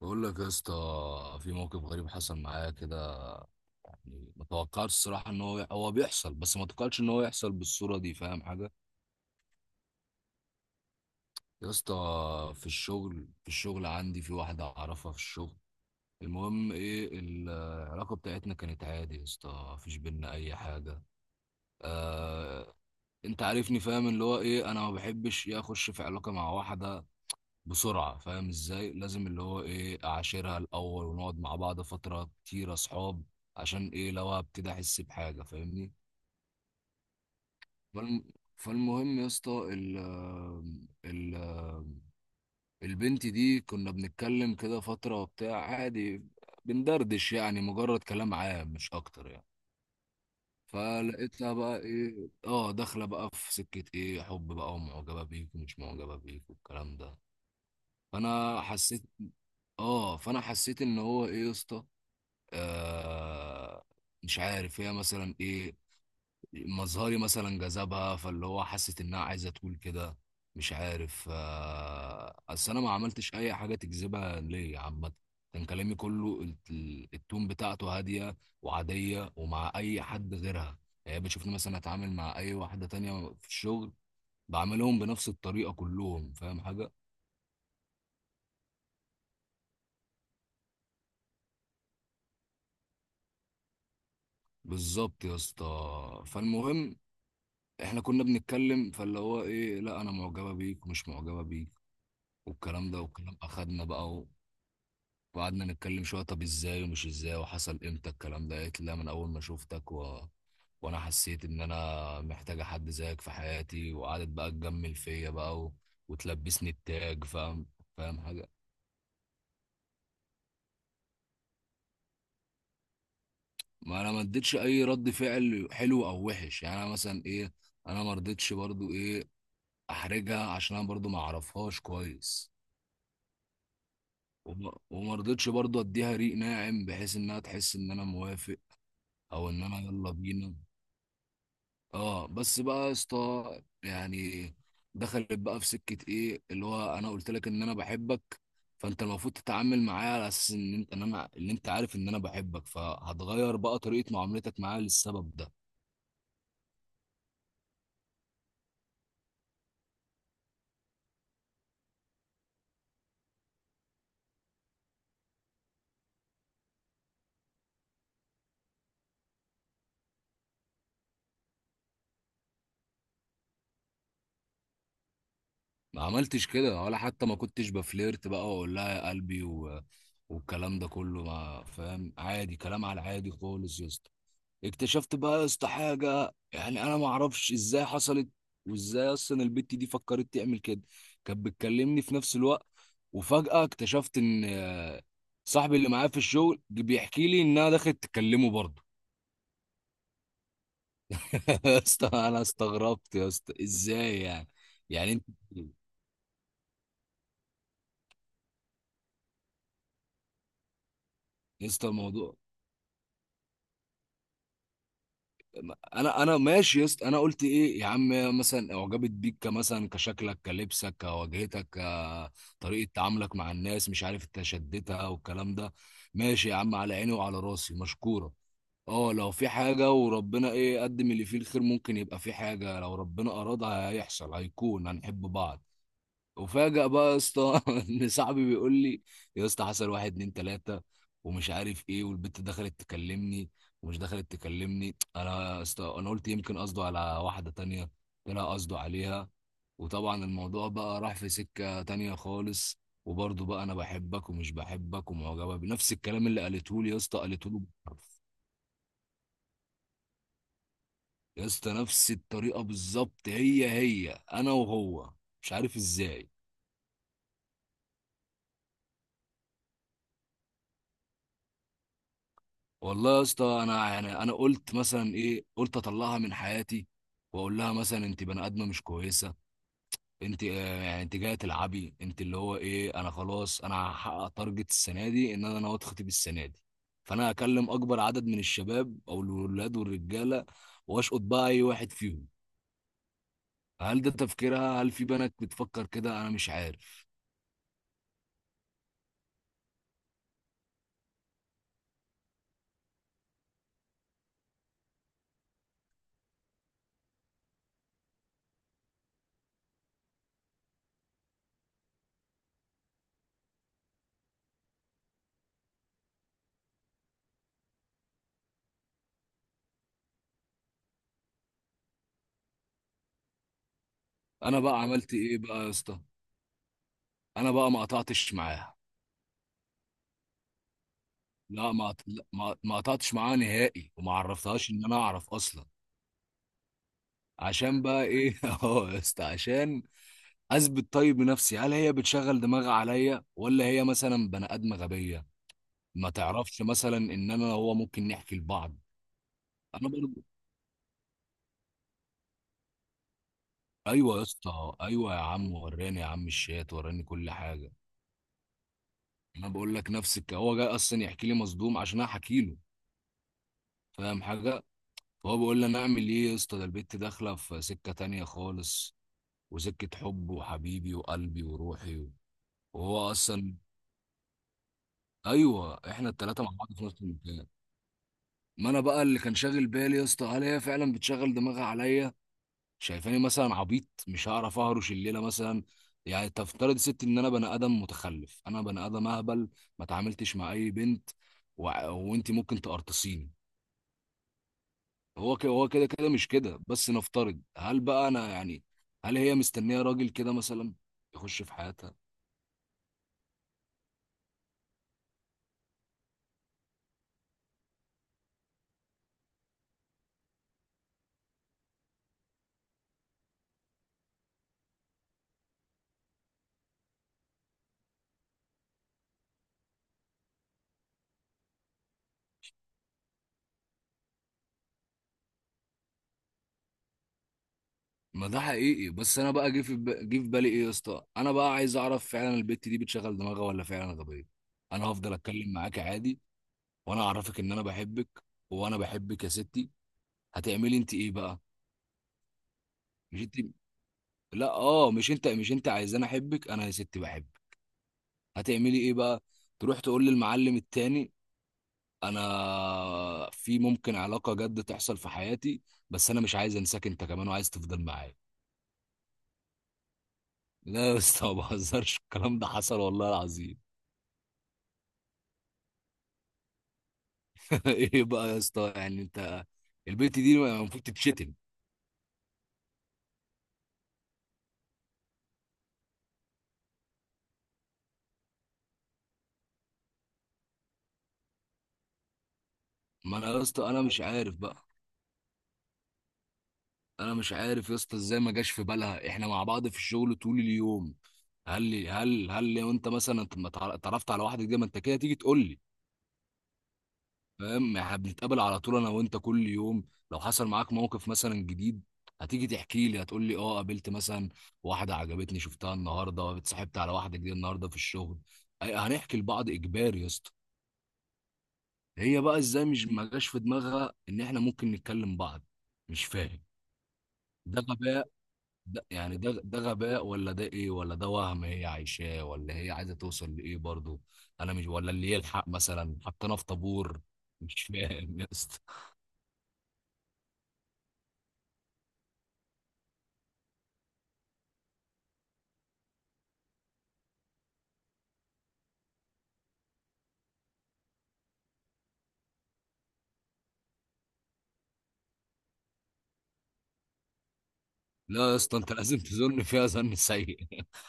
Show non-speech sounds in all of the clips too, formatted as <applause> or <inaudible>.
بقول لك يا اسطى، في موقف غريب حصل معايا كده. يعني ما توقعتش الصراحه ان هو بيحصل، بس ما توقعتش ان هو يحصل بالصوره دي. فاهم حاجه؟ يا اسطى، في الشغل عندي في واحده اعرفها في الشغل. المهم ايه، العلاقه بتاعتنا كانت عادي يا اسطى، مفيش بينا اي حاجه. آه. انت عارفني، فاهم اللي هو ايه، انا ما بحبش يا اخش في علاقه مع واحده بسرعة. فاهم ازاي؟ لازم اللي هو ايه، اعاشرها الاول، ونقعد مع بعض فترة كتير اصحاب. عشان ايه؟ لو هبتدي احس بحاجة. فاهمني؟ فالم... فالمهم يا اسطى، ال... البنت دي كنا بنتكلم كده فترة وبتاع، عادي. بندردش، يعني مجرد كلام عام مش اكتر يعني. فلقيتها بقى ايه، اه، داخلة بقى في سكة ايه، حب بقى، ومعجبة بيك ومش معجبة بيك والكلام ده. فانا حسيت. اه فانا حسيت ان هو ايه يا اسطى. آه. مش عارف هي مثلا ايه، مظهري مثلا جذبها، فاللي هو حست انها عايزه تقول كده. مش عارف. اصل انا ما عملتش اي حاجه تجذبها ليا عامه. كان كلامي كله التون بتاعته هاديه وعاديه، ومع اي حد غيرها يعني. هي بتشوفني مثلا اتعامل مع اي واحده تانية في الشغل، بعملهم بنفس الطريقه كلهم. فاهم حاجه؟ بالظبط يا اسطى. فالمهم، احنا كنا بنتكلم، فاللي هو ايه، لا انا معجبه بيك ومش معجبه بيك والكلام ده والكلام. اخدنا بقى وقعدنا نتكلم شويه، طب ازاي ومش ازاي وحصل امتى الكلام ده. قالت لي لا، من اول ما شفتك وانا حسيت ان انا محتاجه حد زيك في حياتي. وقعدت بقى تجمل فيا بقى وتلبسني التاج. فاهم؟ فاهم حاجه؟ ما انا ما اديتش اي رد فعل حلو او وحش يعني. انا مثلا ايه، انا ما رضيتش برضو ايه احرجها عشان انا برضو ما اعرفهاش كويس. وما رضيتش برضه اديها ريق ناعم بحيث انها تحس ان انا موافق، او ان انا يلا بينا. اه، بس بقى يا اسطى يعني، دخلت بقى في سكه ايه، اللي هو انا قلت لك ان انا بحبك، فانت المفروض تتعامل معايا على اساس ان انت، ان انا، ان انت عارف ان انا بحبك، فهتغير بقى طريقه معاملتك معايا للسبب ده. ما عملتش كده، ولا حتى ما كنتش بفليرت بقى واقول لها يا قلبي والكلام ده كله. ما فاهم، عادي، كلام على العادي خالص يا اسطى. اكتشفت بقى يا اسطى حاجه، يعني انا ما اعرفش ازاي حصلت، وازاي اصلا البت دي فكرت تعمل كده. كانت بتكلمني في نفس الوقت، وفجاه اكتشفت ان آه، صاحبي اللي معايا في الشغل جه بيحكي لي انها دخلت تكلمه برضه. <laughs> يا اسطى، انا استغربت يا اسطى، ازاي يعني؟ يعني انت. يا اسطى الموضوع، انا ماشي يا اسطى. انا قلت ايه يا عم، مثلا اعجبت بيك، كمثلا كشكلك كلبسك كواجهتك كطريقه تعاملك مع الناس، مش عارف انت شدتها والكلام ده. ماشي يا عم، على عيني وعلى راسي، مشكوره. اه، لو في حاجه وربنا ايه قدم اللي فيه الخير، ممكن يبقى في حاجه. لو ربنا ارادها هيحصل، هيكون هنحب بعض. وفاجأ بقى يا اسطى <laughs> ان صاحبي بيقول لي يا اسطى، حصل واحد اتنين تلاته ومش عارف ايه، والبت دخلت تكلمني، ومش دخلت تكلمني انا يا اسطى. انا قلت يمكن قصده على واحده تانيه، طلع قصده عليها. وطبعا الموضوع بقى راح في سكه تانيه خالص. وبرضه بقى انا بحبك ومش بحبك ومعجبه، بنفس الكلام اللي قالته لي يا اسطى قالته له بالحرف. يا اسطى، نفس الطريقه بالظبط، هي هي، انا وهو. مش عارف ازاي. والله يا اسطى، انا يعني، انا قلت مثلا ايه، قلت اطلعها من حياتي، واقول لها مثلا انت بني ادمه مش كويسه، انت آه، يعني انت جايه تلعبي، انت اللي هو ايه، انا خلاص انا هحقق تارجت السنه دي، ان انا ناوي اتخطب السنه دي. فانا هكلم اكبر عدد من الشباب او الولاد والرجاله، واشقط بقى اي واحد فيهم. هل ده تفكيرها؟ هل في بنات بتفكر كده؟ انا مش عارف. انا بقى عملت ايه بقى يا اسطى؟ انا بقى ما قطعتش معاها. لا، ما قطعتش معاها نهائي، وما عرفتهاش ان انا اعرف اصلا. عشان بقى ايه، <laughs> اهو يا اسطى، عشان اثبت طيب بنفسي، هل هي بتشغل دماغها عليا، ولا هي مثلا بني ادم غبيه؟ ما تعرفش مثلا ان انا هو ممكن نحكي لبعض. انا برضو. ايوه يا اسطى، ايوه يا عم، وراني يا عم الشات، وراني كل حاجه. انا بقول لك نفس هو جاي اصلا يحكي لي مصدوم عشان انا احكي له. فاهم حاجه؟ فهو بيقول لي انا اعمل ايه يا اسطى، ده البت داخله في سكه تانية خالص، وسكة حب وحبيبي وقلبي وروحي وهو أصلا. أيوه، إحنا التلاتة مع بعض في نفس المكان. ما أنا بقى اللي كان شاغل بالي يا اسطى، هل هي فعلا بتشغل دماغها عليا؟ شايفاني مثلا عبيط، مش هعرف أهرش الليلة مثلا، يعني تفترض يا ستي إن أنا بني آدم متخلف، أنا بني آدم أهبل، ما تعاملتش مع أي بنت و... وأنت ممكن تقرطصيني. هو كده، هو كده كده، مش كده. بس نفترض، هل بقى أنا يعني، هل هي مستنية راجل كده مثلا يخش في حياتها؟ ما ده حقيقي. بس انا بقى جه في جه في بالي ايه يا اسطى، انا بقى عايز اعرف فعلا البت دي بتشغل دماغها ولا فعلا غبيه. انا هفضل اتكلم معاك عادي، وانا اعرفك ان انا بحبك. وانا بحبك يا ستي، هتعملي انت ايه بقى؟ مش انت. لا اه، مش انت، مش انت عايزاني احبك؟ انا يا ستي بحبك، هتعملي ايه بقى؟ تروح تقول للمعلم التاني، انا في ممكن علاقه جد تحصل في حياتي، بس انا مش عايز انساك انت كمان، وعايز تفضل معايا. لا يا اسطى، ما بهزرش، الكلام ده حصل والله العظيم. <laughs> ايه بقى يا اسطى يعني انت، البنت دي المفروض تتشتم. ما انا يا اسطى انا مش عارف بقى. انا مش عارف يا اسطى ازاي ما جاش في بالها احنا مع بعض في الشغل طول اليوم. هل لي هل هل لو انت مثلا ما تع- اتعرفت على واحده، دي ما انت كده تيجي تقول لي. فاهم؟ احنا بنتقابل على طول انا وانت كل يوم، لو حصل معاك موقف مثلا جديد هتيجي تحكي لي، هتقول لي اه قابلت مثلا واحده عجبتني شفتها النهارده، اتصاحبت على واحده جديده النهارده في الشغل. هنحكي لبعض اجباري يا اسطى. هي بقى ازاي مش ما جاش في دماغها ان احنا ممكن نتكلم بعض؟ مش فاهم. ده غباء. ده يعني ده غباء، ولا ده ايه، ولا ده وهم هي عايشاه، ولا هي عايزه توصل لايه برضو؟ انا مش ولا اللي يلحق مثلا حطينا في طابور. مش فاهم يا اسطى. لا يا اسطى، انت لازم تظن فيها ظن سيء. <laughs>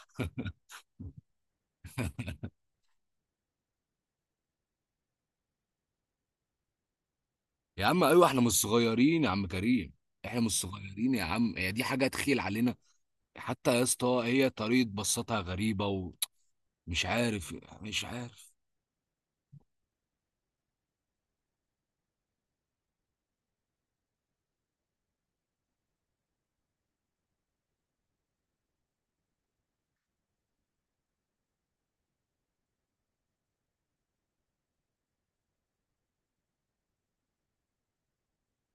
يا عم ايوه، احنا مش صغيرين يا عم كريم، احنا مش صغيرين يا عم، هي دي حاجه تخيل علينا. حتى يا اسطى هي طريقه بصتها غريبه، ومش عارف، مش عارف.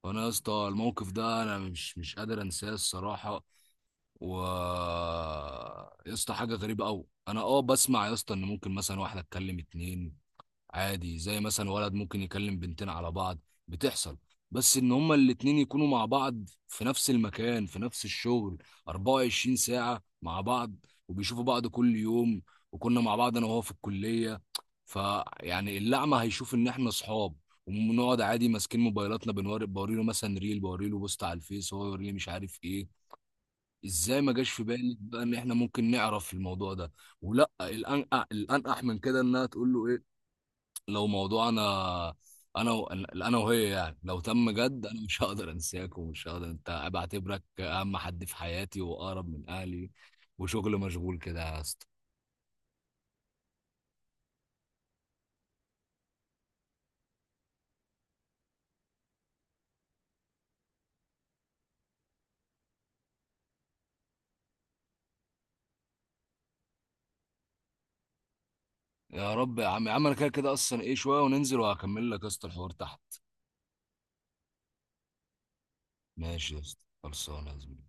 فانا يا اسطى الموقف ده انا مش قادر انساه الصراحه. و، يا اسطى حاجه غريبه قوي. انا اه بسمع يا اسطى ان ممكن مثلا واحده تكلم اتنين، عادي، زي مثلا ولد ممكن يكلم بنتين على بعض، بتحصل. بس ان هما الاتنين يكونوا مع بعض في نفس المكان، في نفس الشغل، 24 ساعة مع بعض، وبيشوفوا بعض كل يوم، وكنا مع بعض انا وهو في الكلية، فيعني اللعمة هيشوف ان احنا صحاب، ونقعد عادي ماسكين موبايلاتنا بنوري بوريله مثلا، ريل بوريله بوست على الفيس، هو يوريني مش عارف ايه. ازاي ما جاش في بالي بقى ان احنا ممكن نعرف الموضوع ده؟ ولا الانقح من كده، انها تقول له ايه، لو موضوع انا، انا وهي يعني، لو تم جد، انا مش هقدر انساك، ومش هقدر، انت بعتبرك اهم حد في حياتي واقرب من اهلي، وشغل مشغول كده يا اسطى. يا رب يا عم. يا عم انا كده كده اصلا ايه، شويه وننزل وهكمل لك يا اسطى الحوار تحت. ماشي يا اسطى، خلصانه يا زميلي.